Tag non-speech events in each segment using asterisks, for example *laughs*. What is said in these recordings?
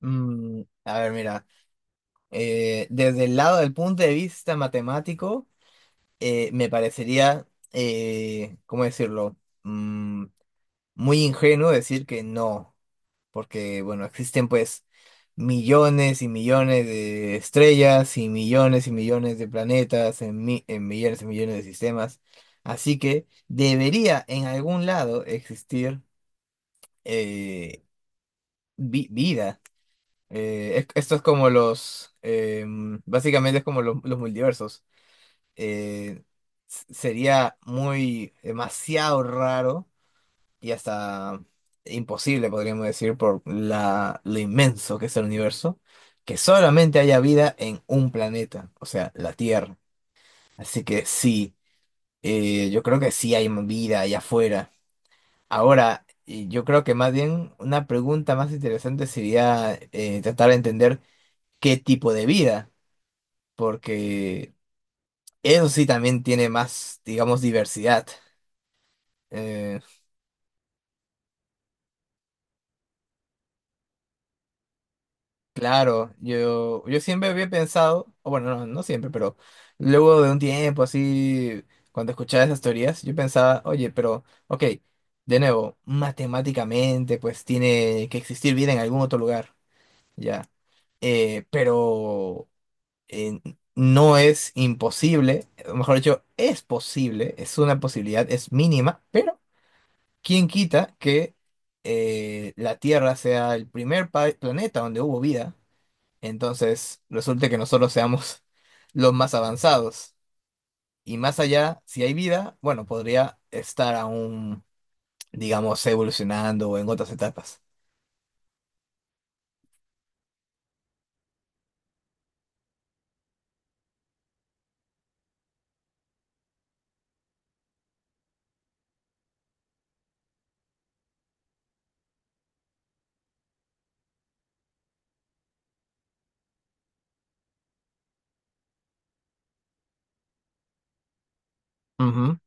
A ver, mira, desde el lado del punto de vista matemático, me parecería, ¿cómo decirlo? Mm, muy ingenuo decir que no, porque, bueno, existen pues millones y millones de estrellas y millones de planetas en, en millones y millones de sistemas. Así que debería en algún lado existir eh, vida. Esto es como los, básicamente es como los multiversos. Eh, Sería demasiado raro y hasta imposible, podríamos decir, por lo inmenso que es el universo, que solamente haya vida en un planeta, o sea, la Tierra. Así que sí, yo creo que sí hay vida allá afuera. Ahora, y yo creo que más bien una pregunta más interesante sería tratar de entender qué tipo de vida, porque eso sí también tiene más, digamos, diversidad. Eh, claro, yo siempre había pensado, o bueno, no, no siempre, pero luego de un tiempo así, cuando escuchaba esas teorías, yo pensaba, oye, pero, ok, de nuevo, matemáticamente, pues tiene que existir vida en algún otro lugar, ya. Eh, pero eh, no es imposible, o mejor dicho, es posible, es una posibilidad, es mínima, pero ¿quién quita que la Tierra sea el primer planeta donde hubo vida? Entonces, resulta que nosotros seamos *laughs* los más avanzados. Y más allá, si hay vida, bueno, podría estar aún, digamos, evolucionando o en otras etapas. Ujú.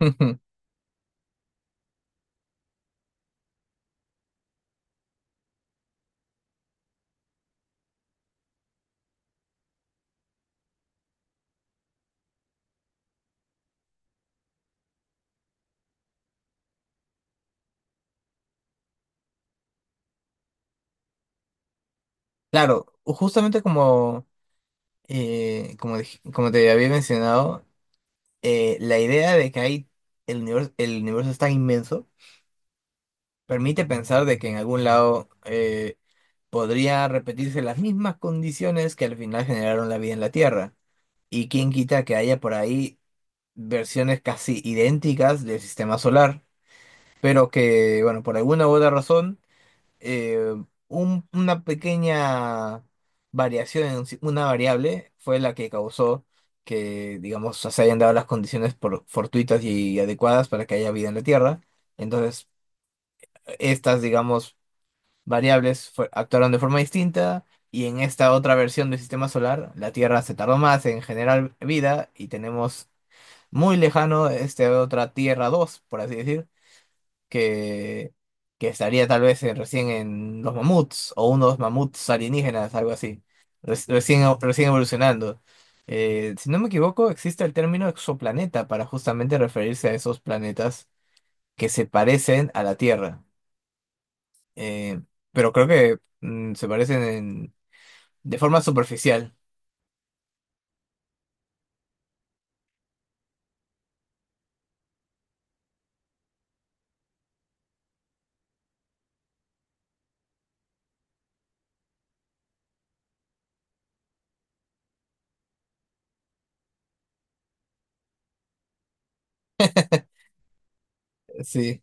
*laughs* Claro, justamente como te había mencionado, la idea de que hay el universo es tan inmenso permite pensar de que en algún lado podría repetirse las mismas condiciones que al final generaron la vida en la Tierra. Y quién quita que haya por ahí versiones casi idénticas del sistema solar, pero que, bueno, por alguna u otra razón, eh, una pequeña variación, en si- una variable, fue la que causó digamos, se hayan dado las condiciones por fortuitas y adecuadas para que haya vida en la Tierra. Entonces, estas, digamos, variables actuaron de forma distinta y en esta otra versión del sistema solar la Tierra se tardó más en generar vida y tenemos muy lejano este otra Tierra 2 por así decir, que, que estaría tal vez recién en los mamuts o unos mamuts alienígenas, algo así. Recién evolucionando. Si no me equivoco, existe el término exoplaneta para justamente referirse a esos planetas que se parecen a la Tierra. Eh, pero creo que se parecen de forma superficial. Sí,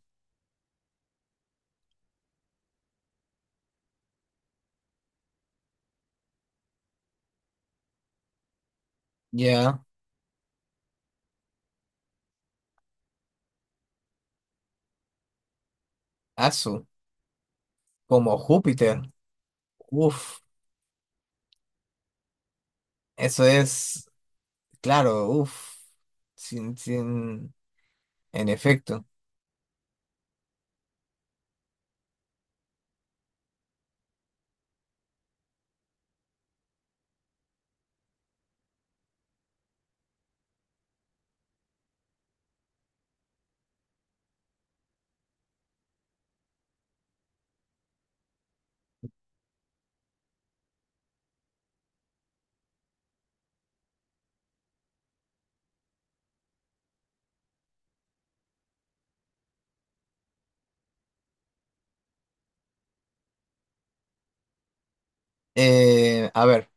ya. Asu, como Júpiter. Uf, eso es, claro, uf. Sin, sin, en efecto. A ver,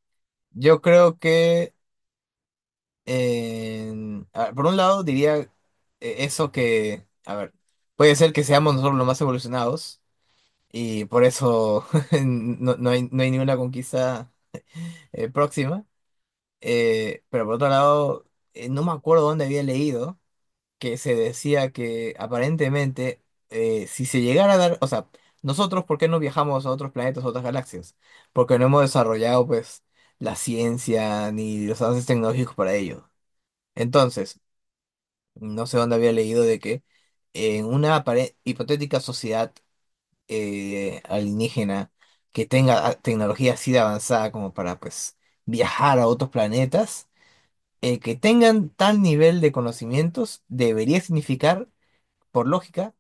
yo creo que, a ver, por un lado diría eso que, a ver, puede ser que seamos nosotros los más evolucionados y por eso *laughs* no hay, no hay ninguna conquista próxima. Pero por otro lado, no me acuerdo dónde había leído que se decía que aparentemente si se llegara a dar, o sea, nosotros, ¿por qué no viajamos a otros planetas, a otras galaxias? Porque no hemos desarrollado pues la ciencia ni los avances tecnológicos para ello. Entonces, no sé dónde había leído de que en una hipotética sociedad alienígena que tenga ah, tecnología así de avanzada como para pues viajar a otros planetas, el que tengan tal nivel de conocimientos debería significar, por lógica,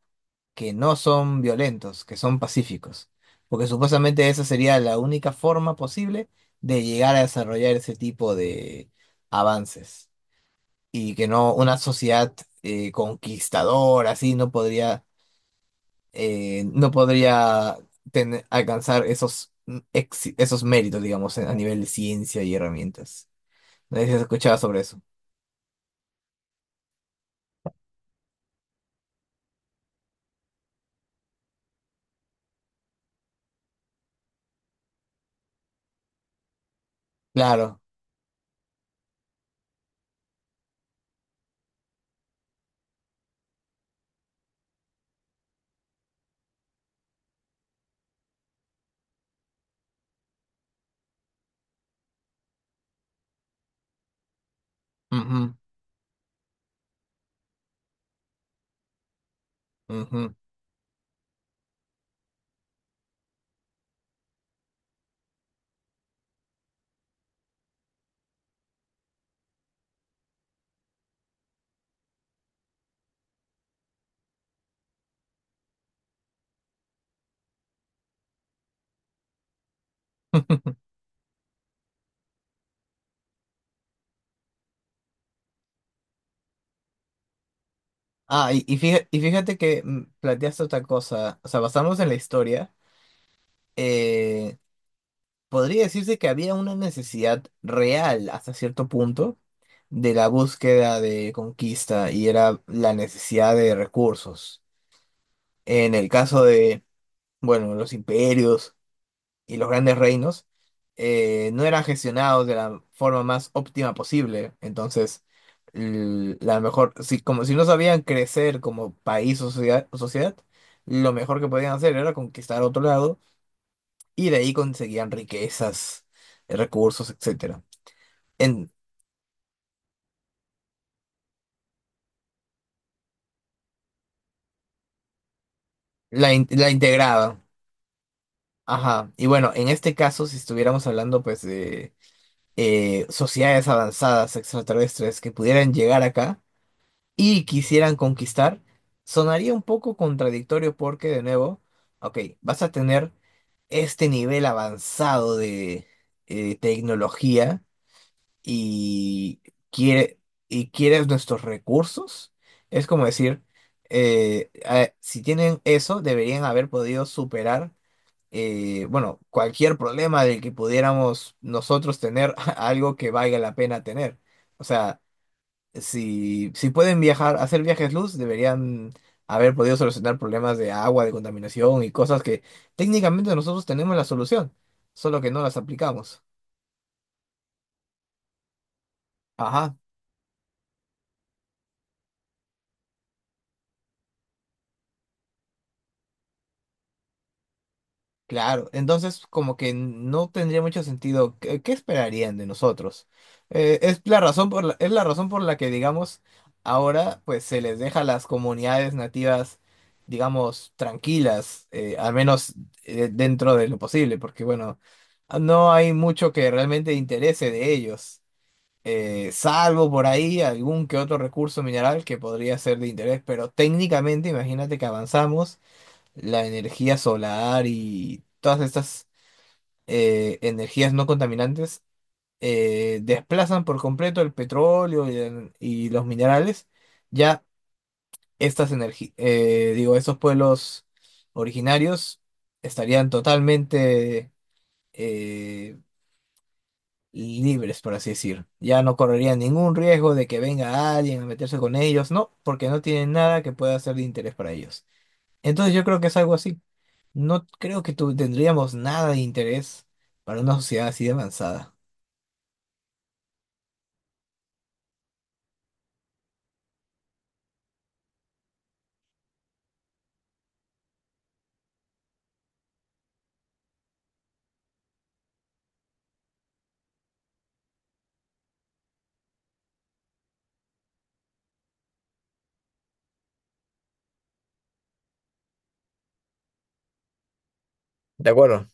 que no son violentos, que son pacíficos, porque supuestamente esa sería la única forma posible de llegar a desarrollar ese tipo de avances y que no una sociedad conquistadora así no podría eh, no podría alcanzar esos esos méritos, digamos, a nivel de ciencia y herramientas. No sé si has escuchado sobre eso. Claro. Ujú, ujú. Ah, y fíjate que planteaste otra cosa, o sea, basándonos en la historia, eh, podría decirse que había una necesidad real hasta cierto punto de la búsqueda de conquista y era la necesidad de recursos. En el caso de, bueno, los imperios y los grandes reinos no eran gestionados de la forma más óptima posible. Entonces, l- la mejor, si, como si no sabían crecer como país o sociedad, lo mejor que podían hacer era conquistar otro lado y de ahí conseguían riquezas, recursos, etcétera. En, la integraban. Ajá. Y bueno, en este caso, si estuviéramos hablando pues de sociedades avanzadas extraterrestres que pudieran llegar acá, y quisieran conquistar, sonaría un poco contradictorio porque, de nuevo, ok, vas a tener este nivel avanzado de tecnología y, quiere, y quieres nuestros recursos. Es como decir, si tienen eso, deberían haber podido superar, bueno, cualquier problema del que pudiéramos nosotros tener *laughs* algo que valga la pena tener. O sea, si pueden viajar, hacer viajes luz, deberían haber podido solucionar problemas de agua, de contaminación y cosas que técnicamente nosotros tenemos la solución, solo que no las aplicamos. Ajá. Claro, entonces como que no tendría mucho sentido. ¿Qué, qué esperarían de nosotros? Es la razón por la que, digamos, ahora pues se les deja a las comunidades nativas, digamos, tranquilas, al menos dentro de lo posible, porque bueno, no hay mucho que realmente interese de ellos, salvo por ahí algún que otro recurso mineral que podría ser de interés, pero técnicamente imagínate que avanzamos la energía solar y todas estas energías no contaminantes desplazan por completo el petróleo y los minerales, ya estas energías, digo, estos pueblos originarios estarían totalmente eh, libres, por así decir. Ya no correrían ningún riesgo de que venga alguien a meterse con ellos, no, porque no tienen nada que pueda ser de interés para ellos. Entonces yo creo que es algo así. No creo que tendríamos nada de interés para una sociedad así de avanzada. De acuerdo.